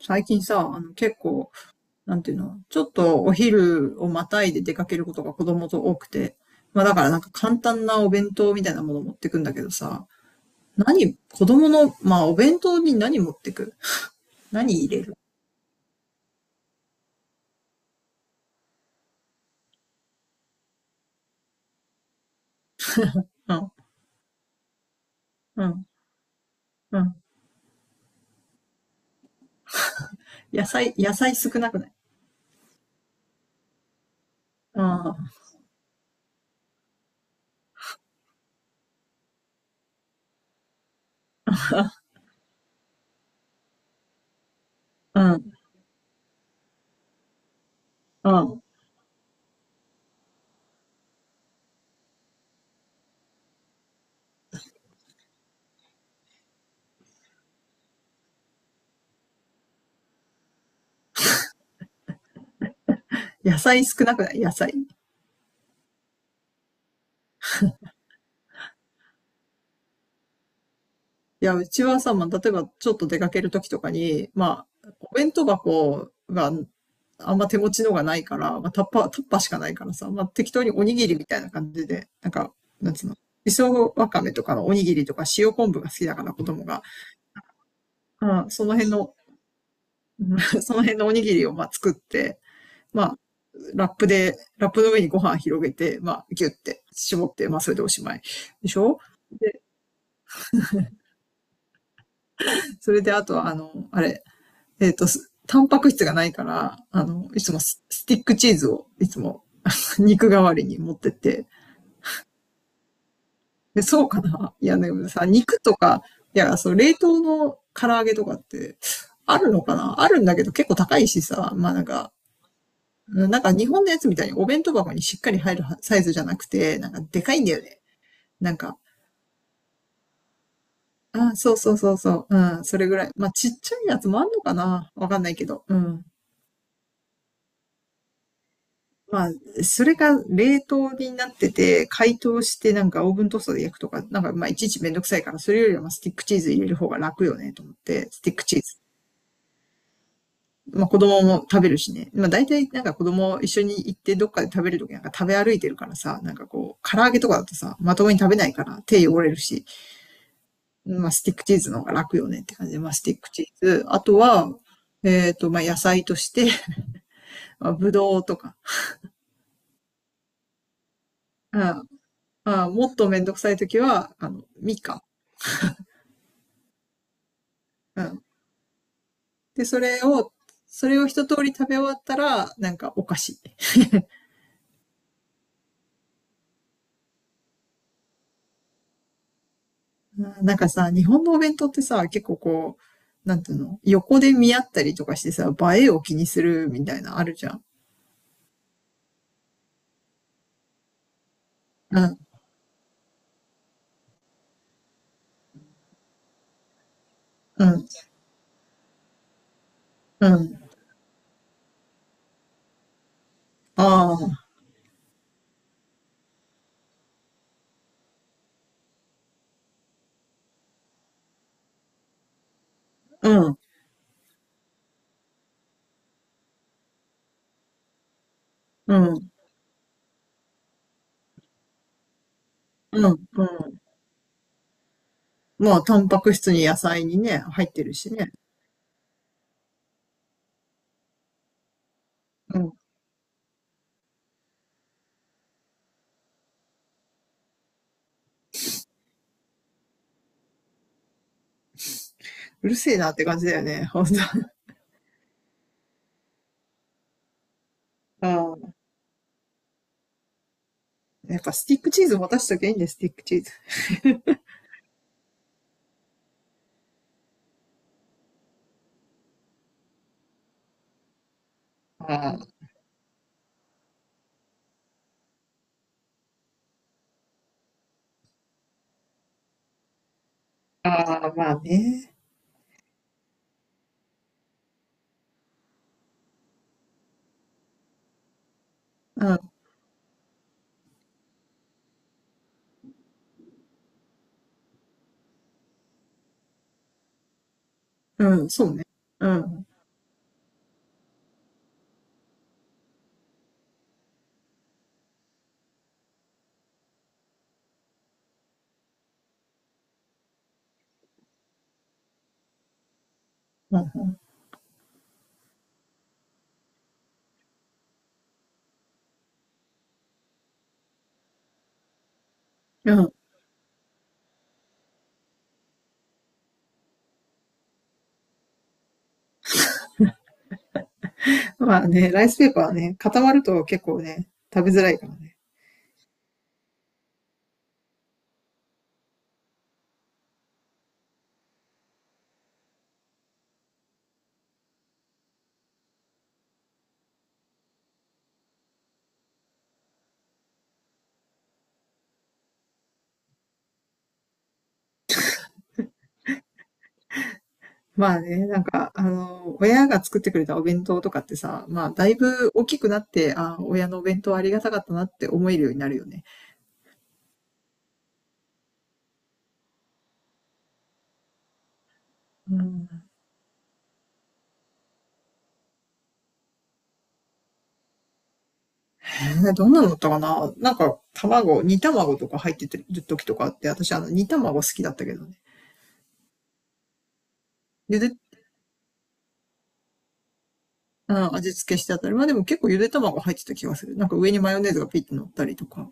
最近さ、結構、なんていうの、ちょっとお昼をまたいで出かけることが子供と多くて、まあだからなんか簡単なお弁当みたいなもの持ってくんだけどさ、何、子供の、まあお弁当に何持ってく？何入れる？うん、うん、うん。野菜、野菜少なくない？うん、うん、うん。野菜少なくない？野菜。いや、うちはさ、まあ、例えばちょっと出かけるときとかに、まあ、お弁当箱がまあんま手持ちのがないから、まあ、タッパーしかないからさ、まあ、適当におにぎりみたいな感じで、なんか、なんつうの、磯わかめとかのおにぎりとか塩昆布が好きだから子供が、うん、その辺の、うん その辺のおにぎりをまあ作って、まあ、ラップの上にご飯広げて、まあ、ギュって絞って、まあ、それでおしまい。でしょ？で、それであとは、タンパク質がないから、いつもスティックチーズをいつも 肉代わりに持ってって、で、そうかな、いや、でもさ、肉とか、いや、そう、冷凍の唐揚げとかって、あるのかな、あるんだけど結構高いしさ、まあなんか、なんか日本のやつみたいにお弁当箱にしっかり入るサイズじゃなくて、なんかでかいんだよね。なんか、あ、そうそうそうそう、うん、それぐらい。まあちっちゃいやつもあんのかな、わかんないけど、うん。まあ、それが冷凍になってて、解凍してなんかオーブントースターで焼くとか、なんかまあいちいちめんどくさいから、それよりはまあスティックチーズ入れる方が楽よねと思って、スティックチーズ。まあ子供も食べるしね。まあ大体なんか子供一緒に行ってどっかで食べるときなんか食べ歩いてるからさ、なんかこう、唐揚げとかだとさ、まともに食べないから手汚れるし、まあスティックチーズの方が楽よねって感じで、まあスティックチーズ。あとは、まあ野菜として、まあぶどうとか、うん、まあもっとめんどくさいときは、みかん。うん。で、それを一通り食べ終わったら、なんかお菓子。うん。なんかさ、日本のお弁当ってさ、結構こう、なんていうの、横で見合ったりとかしてさ、映えを気にするみたいなあるじゃん。うん、うん、うん。ああ、うん、うん、うん、うん。まあ、タンパク質に野菜にね、入ってるしね。うん。うるせえなって感じだよね、ほんと。ああ、やっぱスティックチーズ持たしときゃいいんだよ、スティックチーズ。ああ、ああ、まあね。うん、うん、そうね。うん。うん。うん。まあね、ライスペーパーはね、固まると結構ね、食べづらいからね。まあね、なんか、親が作ってくれたお弁当とかってさ、まあ、だいぶ大きくなって、あ、親のお弁当ありがたかったなって思えるようになるよね。うん。どんなのだったかな。なんか、卵、煮卵とか入ってる時とかあって、私、煮卵好きだったけどね。ゆで、うん、味付けしてあったり、まあでも結構ゆで卵入ってた気がする。なんか上にマヨネーズがピッて乗ったりとか。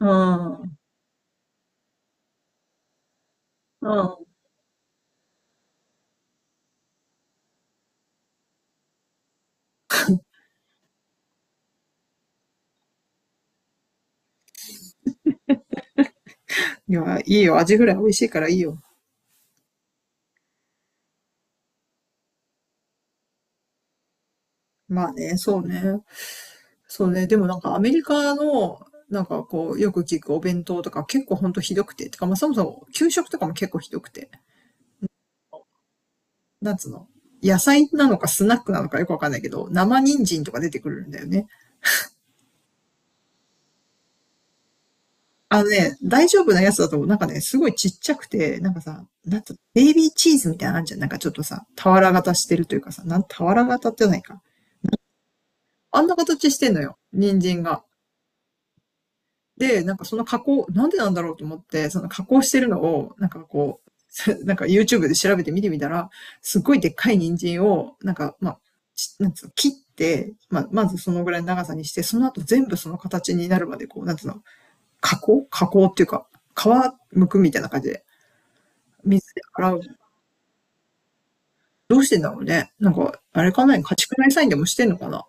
うん。うん。いや、いいよ。味ぐらい美味しいからいいよ。まあね、そうね。そうね。でもなんかアメリカの、なんかこう、よく聞くお弁当とか結構ほんとひどくて。てかまあそもそも給食とかも結構ひどくて。なんつうの、野菜なのかスナックなのかよくわかんないけど、生人参とか出てくるんだよね。あのね、大丈夫なやつだと、なんかね、すごいちっちゃくて、なんかさ、なんと、ベイビーチーズみたいなのあんじゃん。なんかちょっとさ、俵型してるというかさ、俵型ってないか。あんな形してんのよ。人参が。で、なんかその加工、なんでなんだろうと思って、その加工してるのを、なんかこう、なんか YouTube で調べて見てみたら、すっごいでっかい人参を、なんか、まあ、なんつうの、切って、まあ、まずそのぐらいの長さにして、その後全部その形になるまで、こう、なんつうの、加工加工っていうか、皮剥くみたいな感じで、水で洗う。どうしてんだろうね。なんか、あれかな、家畜内サインでもしてんのかな。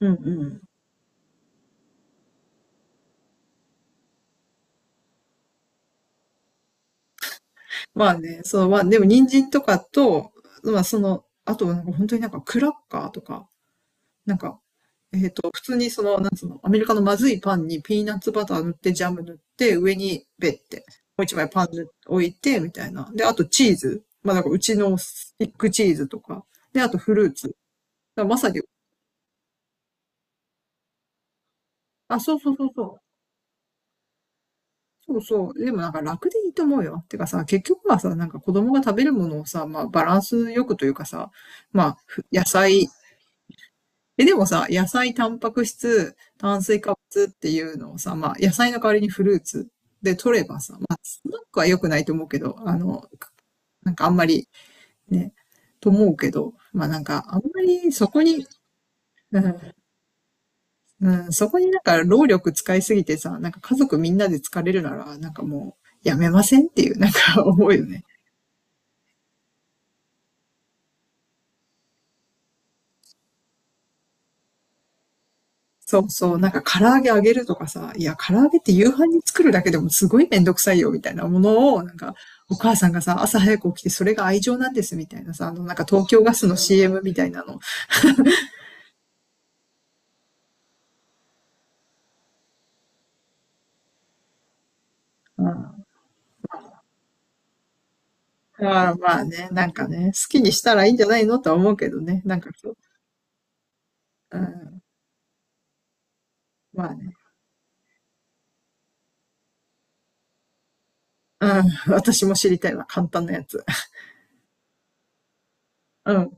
うんうん。まあね、そう、まあ、でも人参とかと、まあその、あとはなんか本当になんかクラッカーとか、なんか、普通にその、なんつうの、アメリカのまずいパンにピーナッツバター塗って、ジャム塗って、上にベッて、もう一枚パン塗って置いて、みたいな。で、あとチーズ。まあ、なんかうちのスティックチーズとか。で、あとフルーツ。だからまさに、あ、そうそうそうそう。そうそう。でもなんか楽でいいと思うよ。てかさ、結局はさ、なんか子供が食べるものをさ、まあバランスよくというかさ、まあ野菜、でもさ、野菜、タンパク質、炭水化物っていうのをさ、まあ、野菜の代わりにフルーツで取ればさ、まあ、スナックは良くないと思うけど、なんかあんまりね、と思うけど、まあなんかあんまりそこに、うんうん、そこになんか労力使いすぎてさ、なんか家族みんなで疲れるなら、なんかもうやめませんっていうなんか思うよね。そうそう、なんか唐揚げ揚げるとかさ、いや、唐揚げって夕飯に作るだけでもすごいめんどくさいよ、みたいなものを、なんか、お母さんがさ、朝早く起きてそれが愛情なんです、みたいなさ、なんか東京ガスの CM みたいなの。うん。ああ。まあね、なんかね、好きにしたらいいんじゃないのとは思うけどね、なんかそう。うん。まあね。うん。私も知りたいわ、簡単なやつ。うん。